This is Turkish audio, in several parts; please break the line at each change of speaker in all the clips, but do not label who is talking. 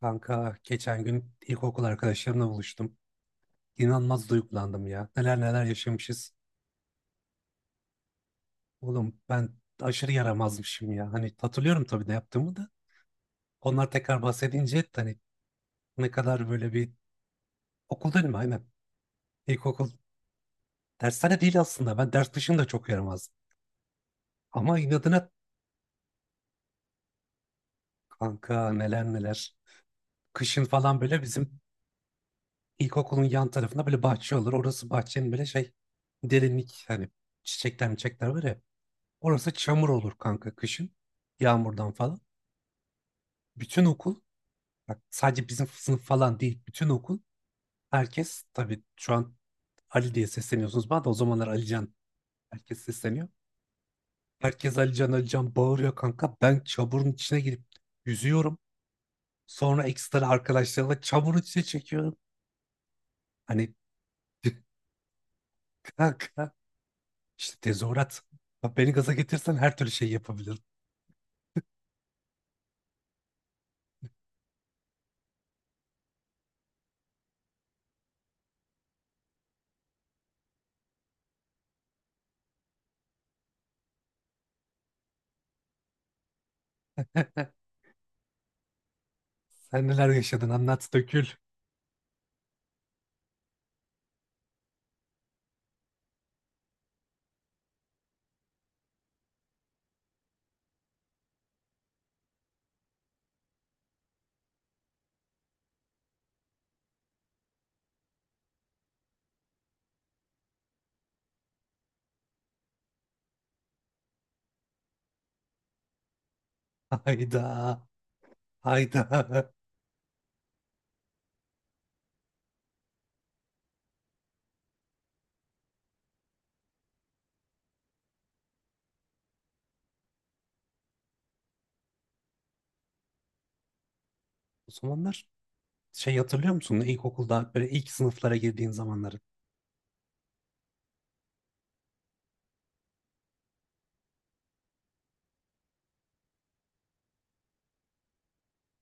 Kanka geçen gün ilkokul arkadaşlarımla buluştum. İnanılmaz duygulandım ya. Neler neler yaşamışız. Oğlum ben aşırı yaramazmışım ya. Hani hatırlıyorum tabii de yaptığımı da. Onlar tekrar bahsedince hani ne kadar böyle bir okul değil mi? Aynen. İlkokul dershane değil aslında. Ben ders dışında çok yaramazdım. Ama inadına kanka neler neler. Kışın falan böyle bizim ilkokulun yan tarafında böyle bahçe olur. Orası bahçenin böyle şey derinlik hani çiçekler çiçekler var ya. Orası çamur olur kanka kışın. Yağmurdan falan. Bütün okul bak sadece bizim sınıf falan değil. Bütün okul herkes tabii şu an Ali diye sesleniyorsunuz bana, da o zamanlar Alican herkes sesleniyor. Herkes Alican Alican bağırıyor kanka. Ben çamurun içine girip yüzüyorum. Sonra ekstra arkadaşlarla çamurun içine çekiyorum. Hani kanka işte tezahürat. Bak, beni gaza getirsen her türlü şey yapabilirim. Sen neler yaşadın, anlat, dökül. Hayda. Hayda. O zamanlar şey hatırlıyor musun? İlkokulda böyle ilk sınıflara girdiğin zamanları.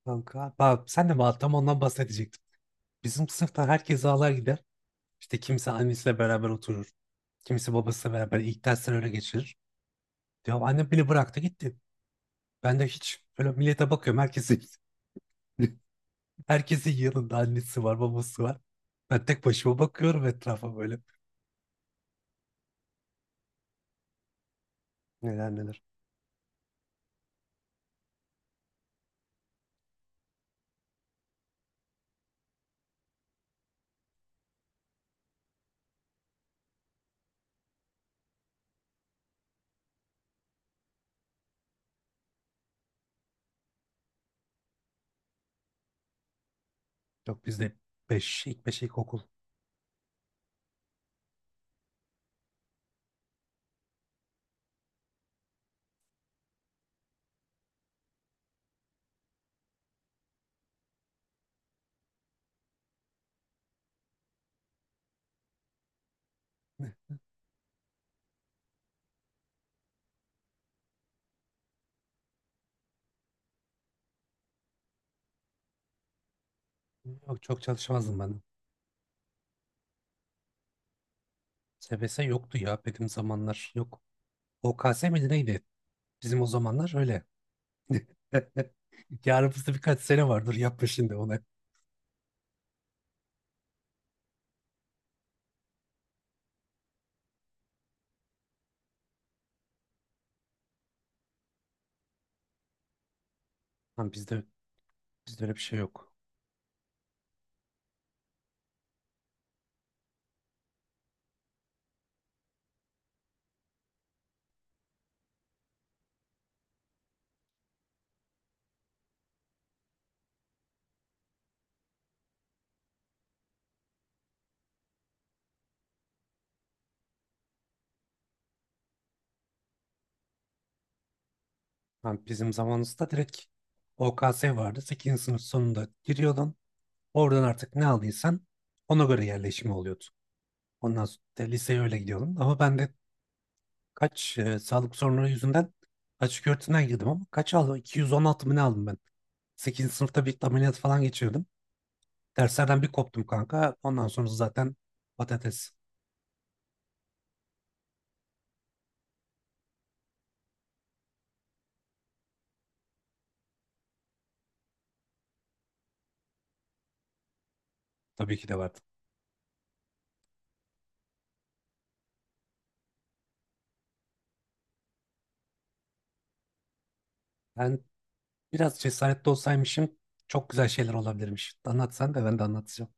Kanka bak, sen de bak, tam ondan bahsedecektim. Bizim sınıftan herkes ağlar gider. İşte kimse annesiyle beraber oturur, kimse babasıyla beraber ilk dersleri öyle geçirir. Ya annem beni bıraktı gitti. Ben de hiç, böyle millete bakıyorum, herkes herkesin yanında annesi var, babası var. Ben tek başıma bakıyorum etrafa böyle. Neler neler. Yok bizde ilk beş ilkokul. Yok, çok çalışmazdım ben. SBS yoktu ya benim zamanlar. Yok. OKS miydi, neydi? Bizim o zamanlar öyle. Yarın bizde birkaç sene vardır, yapma şimdi onu. Lan bizde öyle bir şey yok. Lan bizim zamanımızda direkt OKS vardı. Sekizinci sınıf sonunda giriyordun. Oradan artık ne aldıysan ona göre yerleşimi oluyordu. Ondan sonra da liseye öyle gidiyordum. Ama ben de sağlık sorunları yüzünden açık öğretimden girdim ama kaç aldım? 216 mı ne aldım ben? Sekizinci sınıfta bir ameliyat falan geçirdim. Derslerden bir koptum kanka. Ondan sonra zaten patates tabii ki de vardı. Ben biraz cesaretli olsaymışım çok güzel şeyler olabilirmiş. Anlat, sen de ben de anlatacağım.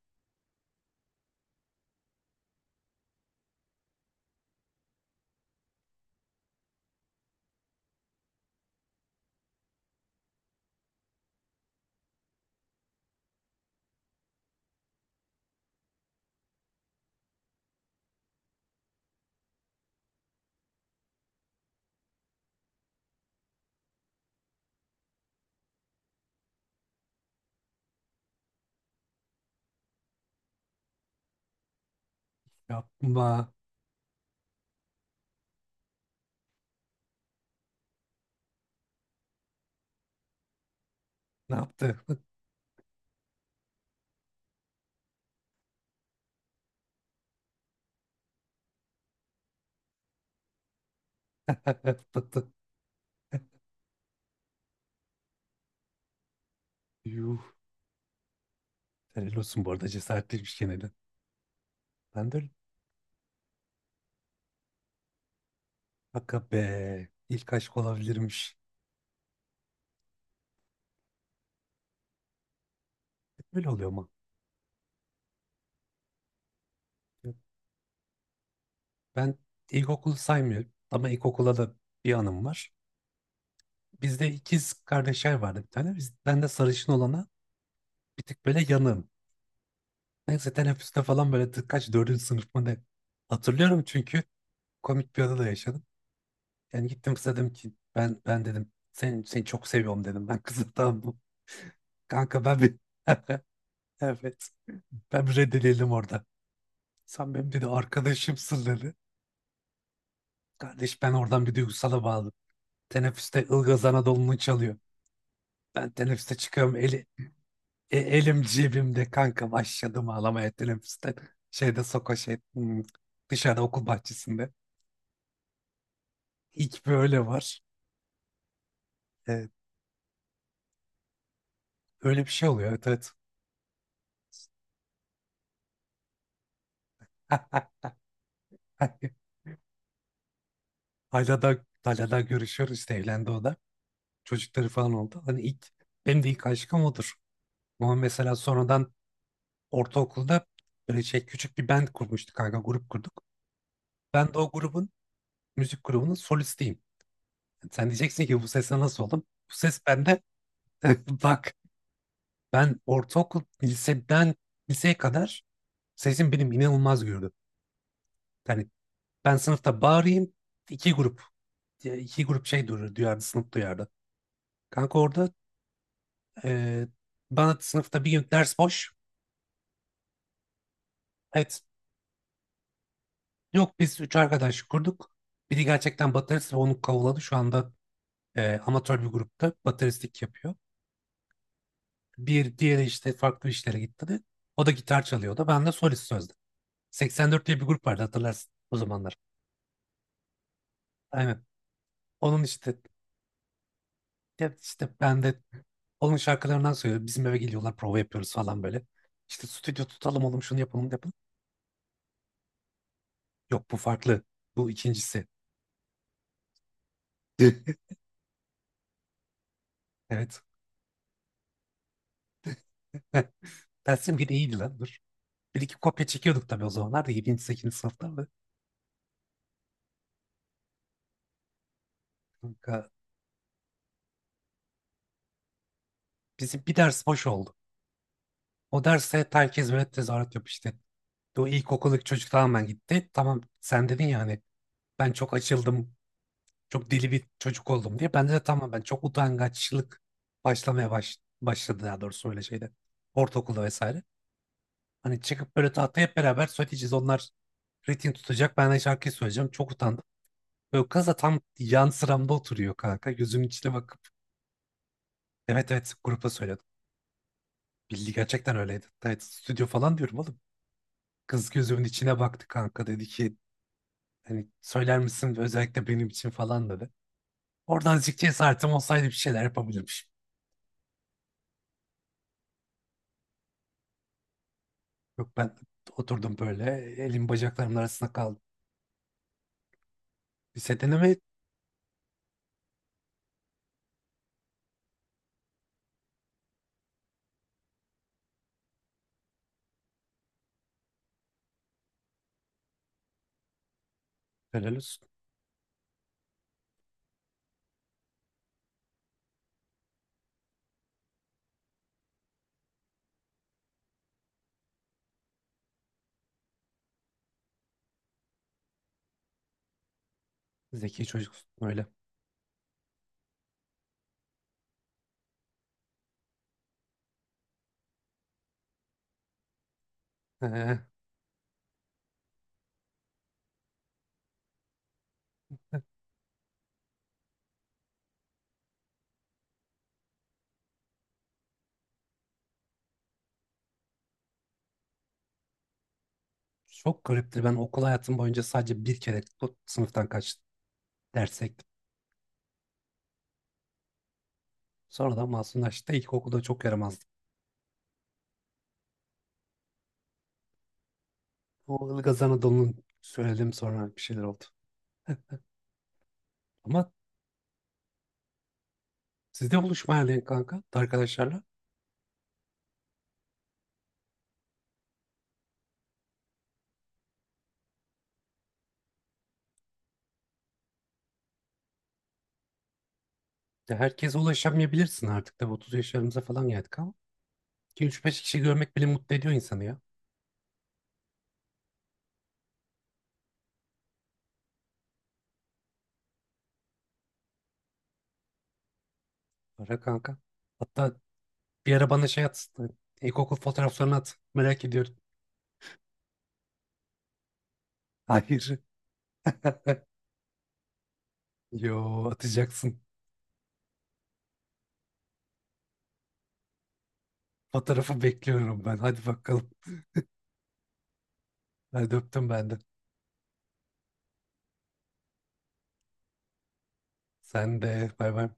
Yapma. Ne yaptı? Patı. Yuh. Helal olsun, bu arada cesaretliymiş gene de. Ben de öyle. Hakka be. İlk aşk olabilirmiş. Hep böyle oluyor ama. Ben ilkokul saymıyorum ama ilkokula da bir anım var. Bizde ikiz kardeşler vardı bir tane. Ben de sarışın olana bir tık böyle yanığım. Neyse teneffüste falan böyle tık- kaç dördüncü sınıf mı ne? Hatırlıyorum çünkü komik bir anı da yaşadım. Yani gittim kıza dedim ki, ben dedim, seni çok seviyorum dedim. Ben kızım tamam mı? Kanka ben bir evet, ben reddedildim orada. Sen benim dedi arkadaşımsın dedi. Kardeş ben oradan bir duygusala bağladım. Teneffüste Ilgaz Anadolu'nu çalıyor. Ben teneffüste çıkıyorum. Elim cebimde kanka, başladım ağlamaya teneffüste. Şeyde soka şey dışarı, okul bahçesinde. İlk böyle var. E, Öyle bir şey oluyor, evet evet. Hala da görüşüyoruz, işte evlendi o da. Çocukları falan oldu. Hani ilk, benim de ilk aşkım odur. Ama mesela sonradan ortaokulda böyle şey, küçük bir band kurmuştuk kanka, grup kurduk. Ben de o grubun, müzik grubunun solistiyim. Sen diyeceksin ki bu sese nasıl oldum? Bu ses bende. Bak, ben ortaokul liseden liseye kadar sesim benim inanılmaz gördü. Yani ben sınıfta bağırayım iki grup, iki grup şey duyardı sınıf, duyardı. Kanka orada e, bana sınıfta bir gün ders boş. Evet, yok biz üç arkadaş kurduk. Biri gerçekten baterist ve onu kavuladı. Şu anda amatör bir grupta bateristlik yapıyor. Bir diğeri işte farklı işlere gitti de. O da gitar çalıyordu. Ben de solist sözde. 84 diye bir grup vardı, hatırlarsın o zamanlar. Aynen. Onun işte, ya işte ben de onun şarkılarından söylüyorum. Bizim eve geliyorlar, prova yapıyoruz falan böyle. İşte stüdyo tutalım oğlum, şunu yapalım yapalım. Yok, bu farklı. Bu ikincisi. Tüh. Evet. Heh, dersim biri iyiydi lan dur. Bir iki kopya çekiyorduk tabii o zamanlar da 7. 8. sınıfta ama kanka, bizim bir ders boş oldu. O derse herkes böyle tezahürat yapıyor işte. O ilkokuldaki çocuk tamamen gitti. Tamam, sen dedin ya hani ben çok açıldım, çok deli bir çocuk oldum diye. Ben de tamam, ben çok utangaçlık başladı daha doğrusu öyle şeyde. Ortaokulda vesaire. Hani çıkıp böyle tahtaya hep beraber söyleyeceğiz. Onlar ritim tutacak, ben de şarkıyı söyleyeceğim. Çok utandım. Böyle kız da tam yan sıramda oturuyor kanka, gözümün içine bakıp. Evet evet, grupa söyledim. Bildi, gerçekten öyleydi. Evet, stüdyo falan diyorum oğlum. Kız gözümün içine baktı kanka. Dedi ki, hani söyler misin özellikle benim için falan dedi. Oradan azıcık cesaretim olsaydı bir şeyler yapabilirmişim. Yok, ben oturdum böyle. Elim bacaklarımın arasında kaldı. Lisedene mi? Helal olsun. Zeki çocuksun öyle. Ee, Çok gariptir. Ben okul hayatım boyunca sadece bir kere bu sınıftan kaçtım. Derse gittim. Sonra da masumlaştı. İlkokulda çok yaramazdım. O Ilgaz Anadolu'nun söyledim, sonra bir şeyler oldu. Ama sizde buluşma yani kanka, arkadaşlarla. Ya herkese ulaşamayabilirsin artık. Tabii 30 yaşlarımıza falan geldik ama. 2-3-5 kişi görmek bile mutlu ediyor insanı ya. Ara kanka. Hatta bir ara bana şey at. İlkokul fotoğraflarını at. Merak ediyorum. Hayır. Yo, atacaksın. Fotoğrafı bekliyorum ben. Hadi bakalım. Hadi, öptüm ben de. Sen de. Bay bay.